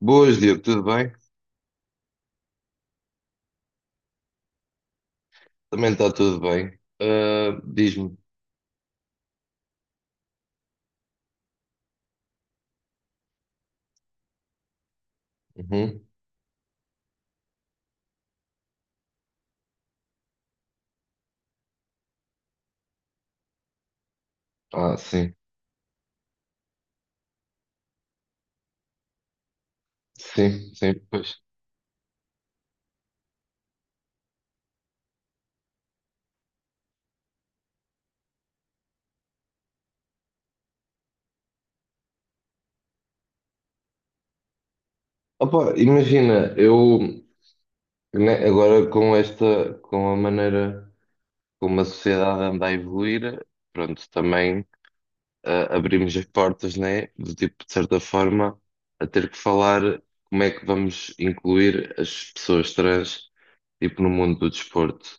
Boas, Diogo, tudo bem? Também está tudo bem. Ah, diz-me. Uhum. Ah, sim, sim, sim, pois. Opa, imagina, eu né, agora com esta, com a maneira como a sociedade anda a evoluir, pronto, também abrimos as portas, né, do tipo, de certa forma, a ter que falar como é que vamos incluir as pessoas trans, tipo, no mundo do desporto.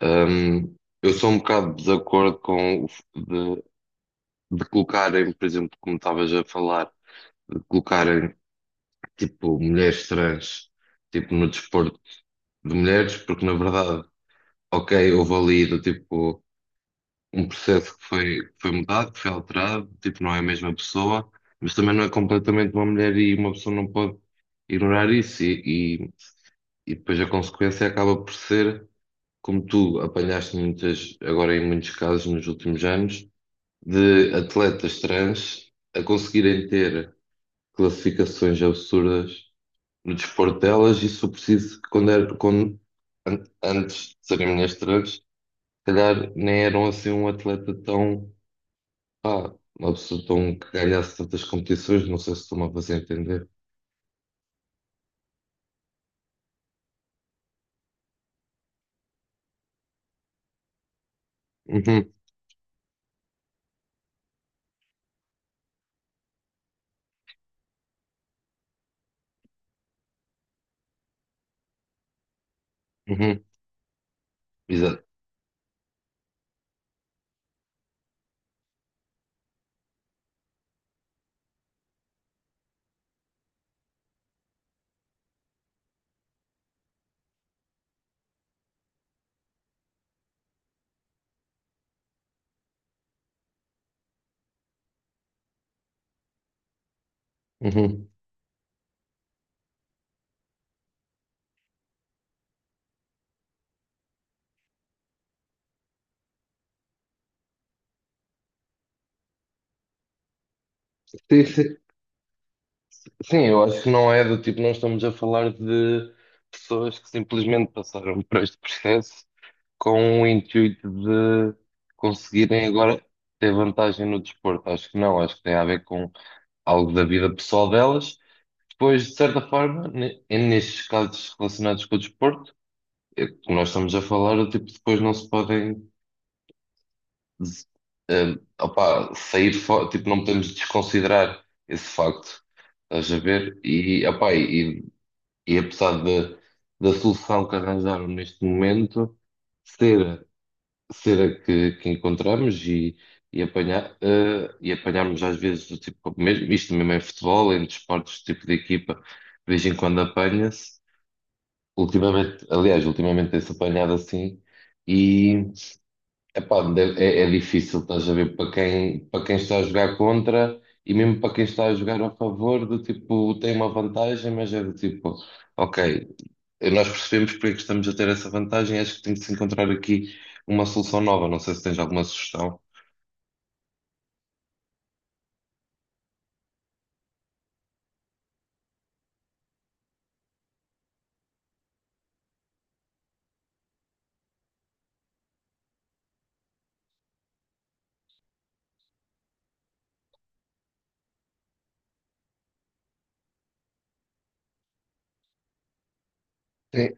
Ahm, eu sou um bocado de desacordo com de colocarem, por exemplo, como estavas a falar, de colocarem tipo mulheres trans tipo no desporto de mulheres, porque na verdade, ok, houve ali do tipo um processo que foi mudado, que foi alterado, tipo, não é a mesma pessoa, mas também não é completamente uma mulher e uma pessoa não pode ignorar isso, e depois a consequência acaba por ser, como tu apanhaste muitas, agora em muitos casos nos últimos anos, de atletas trans a conseguirem ter classificações absurdas no desporto delas, e se for preciso, quando, era, quando antes de serem ministrantes, se calhar nem eram assim um atleta tão, ah uma pessoa tão que ganhasse tantas competições, não sei se estou-me a fazer entender. Uhum, uhum, exato. Uhum. Sim, sim, sim, eu acho que não é do tipo, não estamos a falar de pessoas que simplesmente passaram por este processo com o intuito de conseguirem agora ter vantagem no desporto. Acho que não, acho que tem a ver com algo da vida pessoal delas. Depois, de certa forma, nestes casos relacionados com o desporto, é que nós estamos a falar, tipo, depois não se podem des- opá, sair fora, tipo, não podemos desconsiderar esse facto. Estás a ver? E apesar de, da solução que arranjaram neste momento ser cera que encontramos e apanhar, e apanharmos às vezes do tipo, mesmo, isto mesmo em futebol, em desportos, tipo de equipa, de vez em quando apanha-se. Ultimamente, aliás, ultimamente tem-se apanhado assim e epá, é, é difícil, estás a ver, para quem está a jogar contra e mesmo para quem está a jogar a favor, do tipo, tem uma vantagem, mas é do tipo, ok, nós percebemos porque é que estamos a ter essa vantagem. Acho que tem que se encontrar aqui uma solução nova. Não sei se tens alguma sugestão. Sim,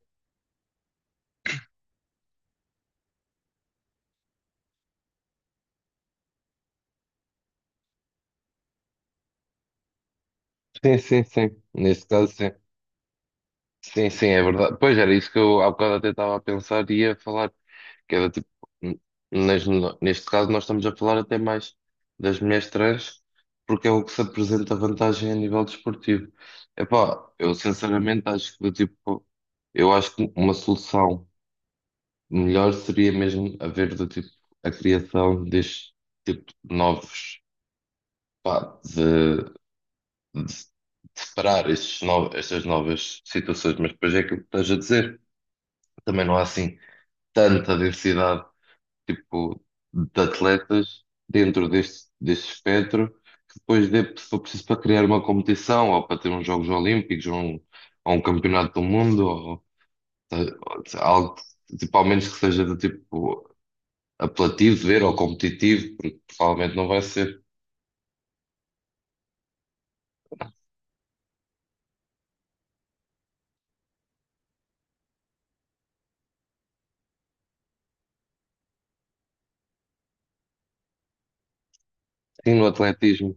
sim, sim, sim. Neste caso, sim. Sim, sim, é verdade. Pois era isso que eu há bocado até estava a pensar e ia falar, que era tipo, n- nas- neste caso nós estamos a falar até mais das mulheres trans, porque é o que se apresenta vantagem a nível desportivo. Epá, eu sinceramente acho que tipo, eu acho que uma solução. Melhor seria mesmo haver do tipo a criação deste tipo de novos, pá, de separar estes estas novas situações, mas depois é aquilo que estás a dizer. Também não há assim tanta diversidade tipo de atletas dentro deste, deste espectro que depois dê, se for preciso para criar uma competição ou para ter uns Jogos Olímpicos ou um Campeonato do Mundo ou algo tipo, ao menos que seja do tipo apelativo de ver ou competitivo, porque provavelmente não vai ser. Sim, no atletismo.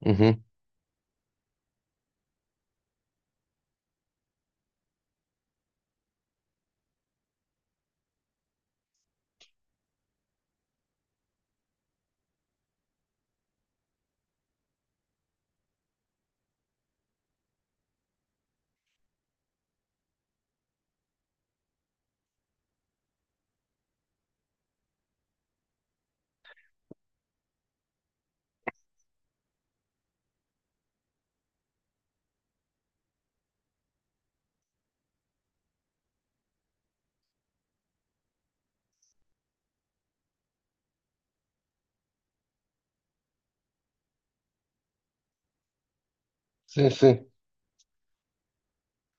Uhum. Sim, sim.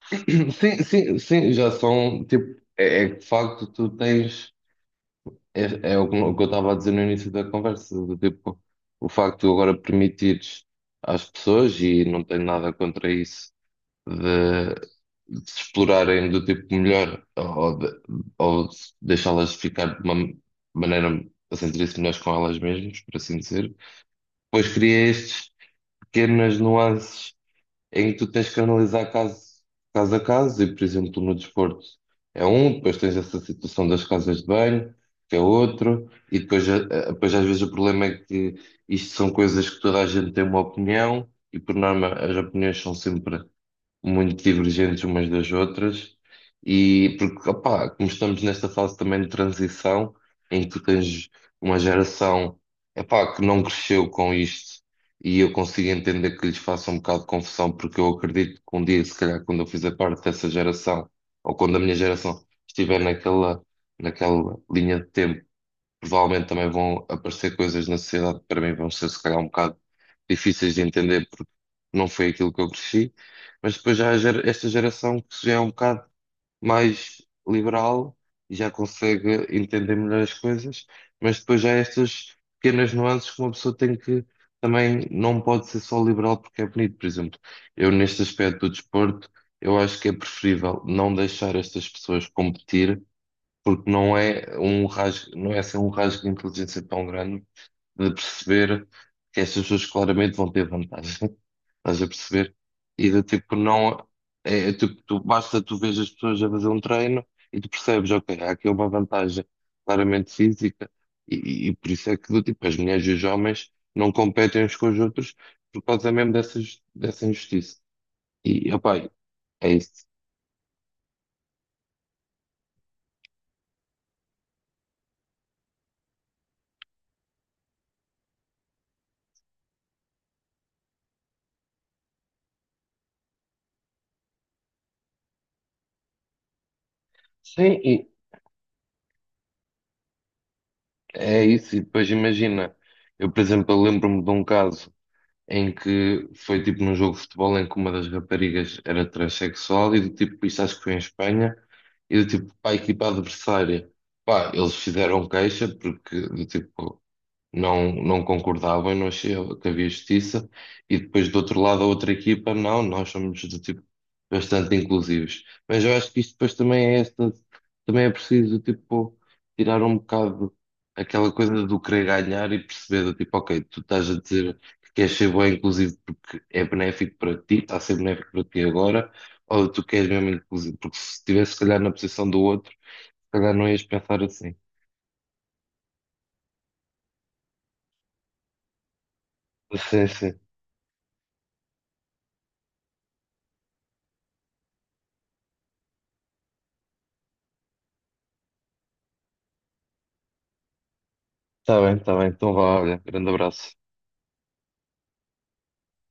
Sim, sim, sim, já são, tipo, é, é que de facto tu tens, é, é o que eu estava a dizer no início da conversa, do tipo, o facto de tu agora permitires às pessoas, e não tenho nada contra isso, de, de se explorarem do tipo melhor, ou de deixá-las ficar de uma maneira a sentir-se melhores com elas mesmas, por assim dizer, pois cria estes pequenas nuances em que tu tens que analisar caso, caso a caso, e por exemplo, no desporto é um, depois tens essa situação das casas de banho, que é outro, e depois, depois às vezes o problema é que isto são coisas que toda a gente tem uma opinião, e por norma as opiniões são sempre muito divergentes umas das outras, e porque, opá, como estamos nesta fase também de transição, em que tu tens uma geração, epá, que não cresceu com isto, e eu consigo entender que lhes faça um bocado de confusão, porque eu acredito que um dia, se calhar, quando eu fizer parte dessa geração, ou quando a minha geração estiver naquela linha de tempo. Provavelmente também vão aparecer coisas na sociedade que para mim vão ser se calhar um bocado difíceis de entender porque não foi aquilo que eu cresci, mas depois já há esta geração que já é um bocado mais liberal e já consegue entender melhor as coisas, mas depois já há estas pequenas nuances que uma pessoa tem que também não pode ser só liberal porque é bonito, por exemplo. Eu neste aspecto do desporto, eu acho que é preferível não deixar estas pessoas competir porque não é um rasgo, não é assim um rasgo de inteligência tão grande de perceber que estas pessoas claramente vão ter vantagem. Estás a perceber? E do tipo, não é, é tipo, tu, basta tu veres as pessoas a fazer um treino e tu percebes, ok, há aqui uma vantagem claramente física, e por isso é que do tipo, as mulheres e os homens não competem uns com os outros por causa mesmo dessas, dessa injustiça. E, opá, é isso. Sim, é isso, e depois imagina, eu por exemplo, eu lembro-me de um caso em que foi tipo num jogo de futebol em que uma das raparigas era transexual e do tipo, isto acho que foi em Espanha, e do tipo, para a equipa adversária, pá, eles fizeram queixa porque do tipo não, não concordava e não achava que havia justiça. E depois do outro lado, a outra equipa, não, nós somos do tipo bastante inclusivos. Mas eu acho que isto depois também é esta, também é preciso tipo tirar um bocado aquela coisa do querer ganhar e perceber do tipo, ok, tu estás a dizer que queres ser bom inclusivo porque é benéfico para ti, está a ser benéfico para ti agora, ou tu queres mesmo inclusivo, porque se estivesse se calhar na posição do outro, se calhar não ias pensar assim. Sim, sim. Está bem, está bem. Então vá, olha, grande abraço.